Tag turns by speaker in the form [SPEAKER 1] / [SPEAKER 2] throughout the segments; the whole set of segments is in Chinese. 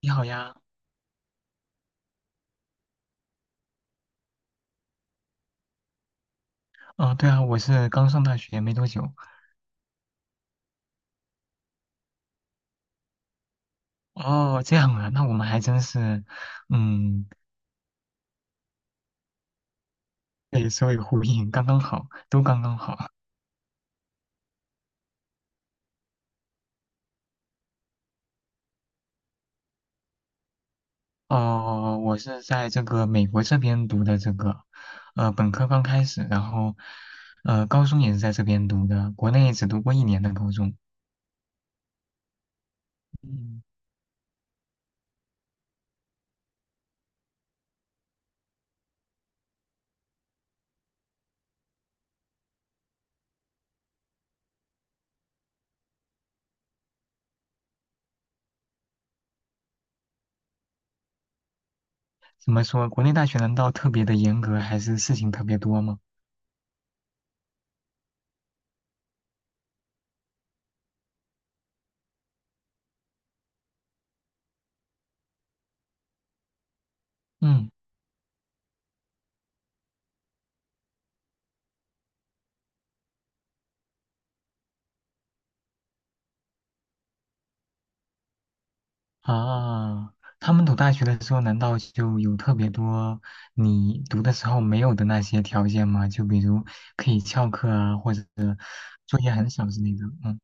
[SPEAKER 1] 你好呀。哦，对啊，我是刚上大学没多久。哦，这样啊，那我们还真是，嗯，对，所以呼应，刚刚好，都刚刚好。哦，我是在这个美国这边读的这个，本科刚开始，然后，高中也是在这边读的，国内只读过一年的高中。嗯，怎么说，国内大学难道特别的严格，还是事情特别多吗？嗯。啊，他们读大学的时候，难道就有特别多你读的时候没有的那些条件吗？就比如可以翘课啊，或者作业很少之类的。嗯，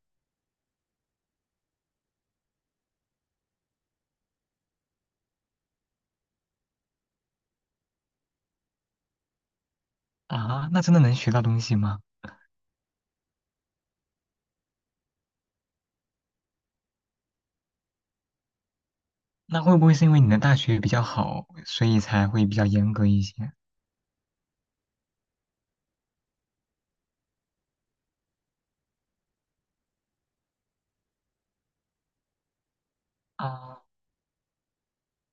[SPEAKER 1] 啊，那真的能学到东西吗？那会不会是因为你的大学比较好，所以才会比较严格一些？啊，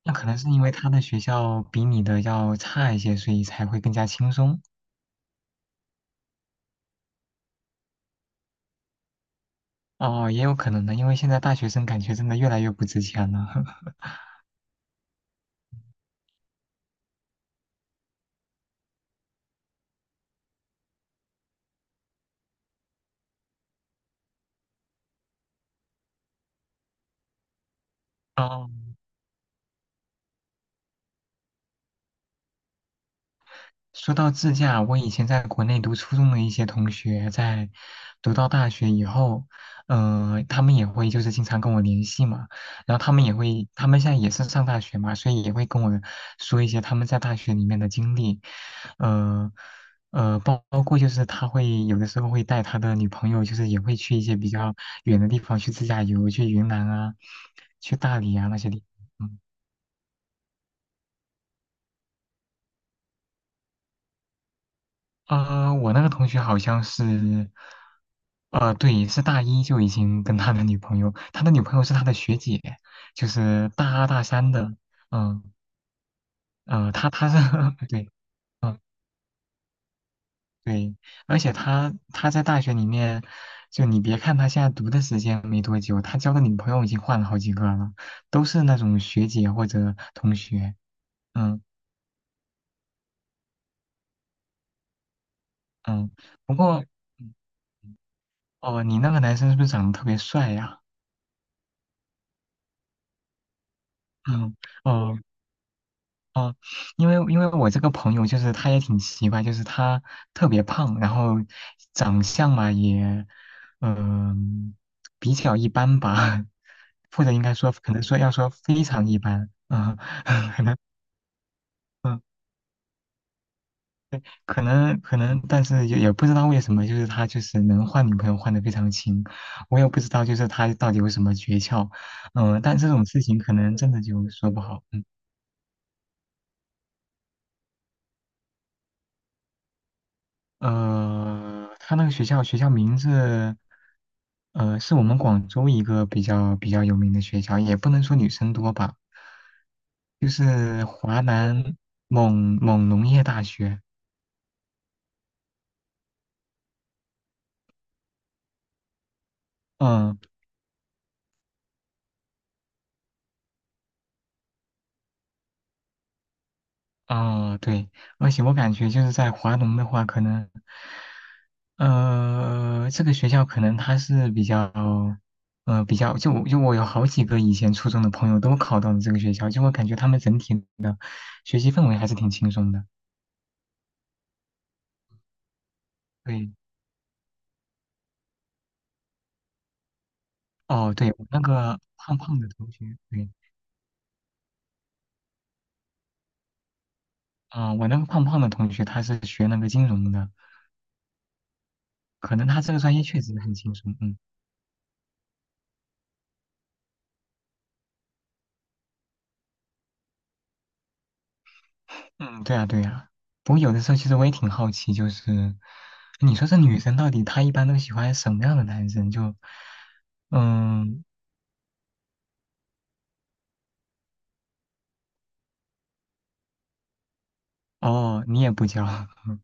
[SPEAKER 1] 那可能是因为他的学校比你的要差一些，所以才会更加轻松。哦，也有可能的，因为现在大学生感觉真的越来越不值钱了。哦，说到自驾，我以前在国内读初中的一些同学，在读到大学以后，他们也会就是经常跟我联系嘛，然后他们也会，他们现在也是上大学嘛，所以也会跟我说一些他们在大学里面的经历，呃包括就是他会有的时候会带他的女朋友，就是也会去一些比较远的地方去自驾游，去云南啊，去大理啊那些地方。嗯。啊、我那个同学好像是，呃，对，是大一就已经跟他的女朋友，他的女朋友是他的学姐，就是大二大三的。嗯。呃，他是 对。嗯。对，而且他在大学里面，就你别看他现在读的时间没多久，他交的女朋友已经换了好几个了，都是那种学姐或者同学。嗯。嗯，不过，哦、你那个男生是不是长得特别帅呀？嗯。哦。啊，因为我这个朋友就是他也挺奇怪，就是他特别胖，然后长相嘛也，嗯、比较一般吧，或者应该说可能说要说非常一般，嗯。可能。嗯。可能，但是也不知道为什么，就是他就是能换女朋友换的非常勤，我也不知道就是他到底有什么诀窍，嗯、但这种事情可能真的就说不好，嗯。呃，他那个学校名字，呃，是我们广州一个比较有名的学校，也不能说女生多吧，就是华南某某农业大学。嗯。哦，对，而且我感觉就是在华农的话，可能，呃，这个学校可能它是比较，呃，比较就我有好几个以前初中的朋友都考到了这个学校，就我感觉他们整体学习氛围还是挺轻松的。对。哦，对，我那个胖胖的同学，对。嗯、我那个胖胖的同学他是学那个金融的，可能他这个专业确实很轻松，嗯。嗯，对啊对啊。不过有的时候其实我也挺好奇，就是你说这女生到底她一般都喜欢什么样的男生？就，嗯，哦，你也不教。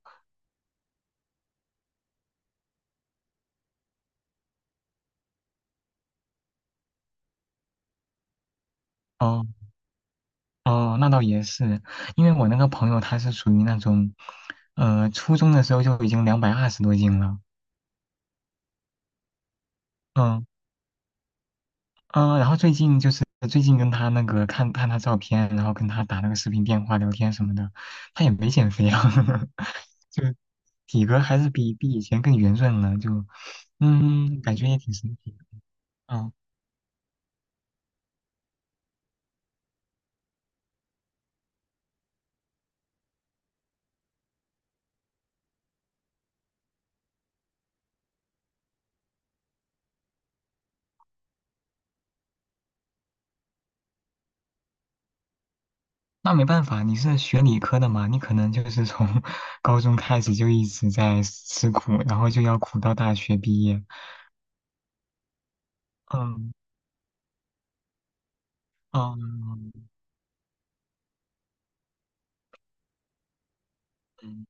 [SPEAKER 1] 哦。哦，那倒也是，因为我那个朋友他是属于那种，呃，初中的时候就已经两百二十多斤了。嗯。嗯、然后最近就是最近跟他那个看看他照片，然后跟他打那个视频电话聊天什么的，他也没减肥啊，就体格还是比以前更圆润了，就嗯，感觉也挺神奇的。嗯，那没办法，你是学理科的嘛，你可能就是从 高中开始就一直在吃苦，然后就要苦到大学毕业。嗯。嗯。嗯，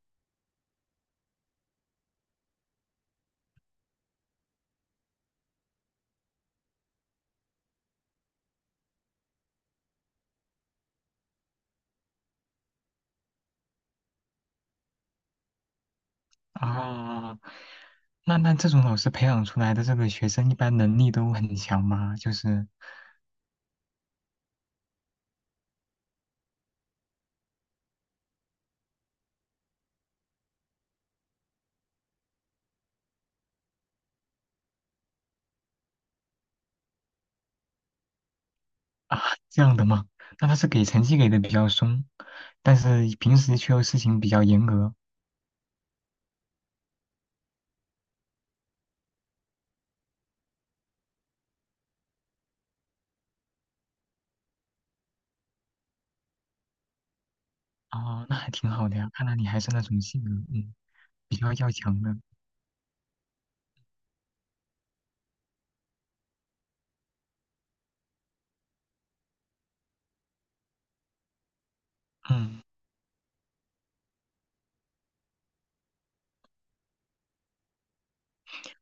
[SPEAKER 1] 啊，那这种老师培养出来的这个学生，一般能力都很强吗？就是啊，这样的吗？那他是给成绩给的比较松，但是平时却又事情比较严格。哦，那还挺好的呀，看来你还是那种性格，嗯，比较要强的。嗯，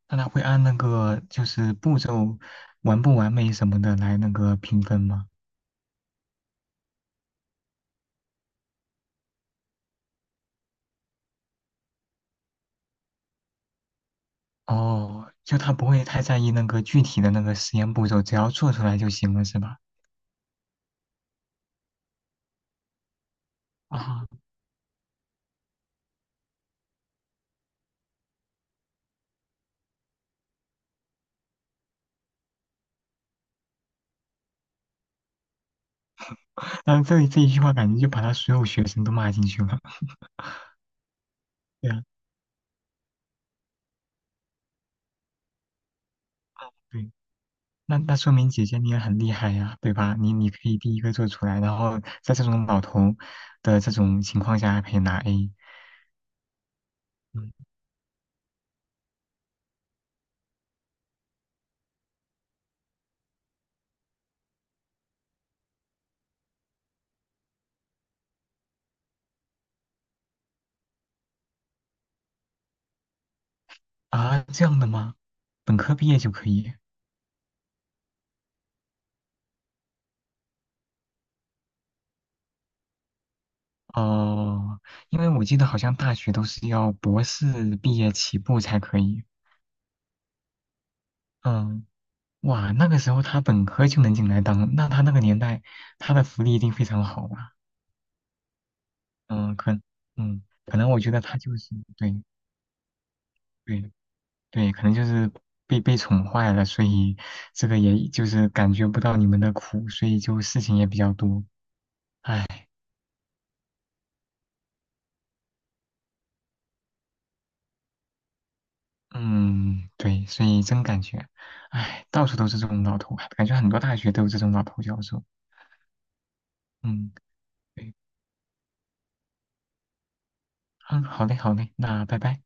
[SPEAKER 1] 那他会按那个就是步骤完不完美什么的来那个评分吗？哦，就他不会太在意那个具体的那个实验步骤，只要做出来就行了，是吧？啊、但后这里这一句话感觉就把他所有学生都骂进去了。对啊，对，那说明姐姐你也很厉害呀，对吧？你可以第一个做出来，然后在这种老头的这种情况下还可以拿 A。嗯。啊，这样的吗？本科毕业就可以？哦，因为我记得好像大学都是要博士毕业起步才可以。嗯，哇，那个时候他本科就能进来当，那他那个年代他的福利一定非常好吧？嗯，可，嗯，可能我觉得他就是对对对，可能就是被宠坏了，所以这个也就是感觉不到你们的苦，所以就事情也比较多。唉，嗯，对，所以真感觉，唉，到处都是这种老头，感觉很多大学都有这种老头教授。嗯，对，嗯，好嘞，好嘞，那拜拜。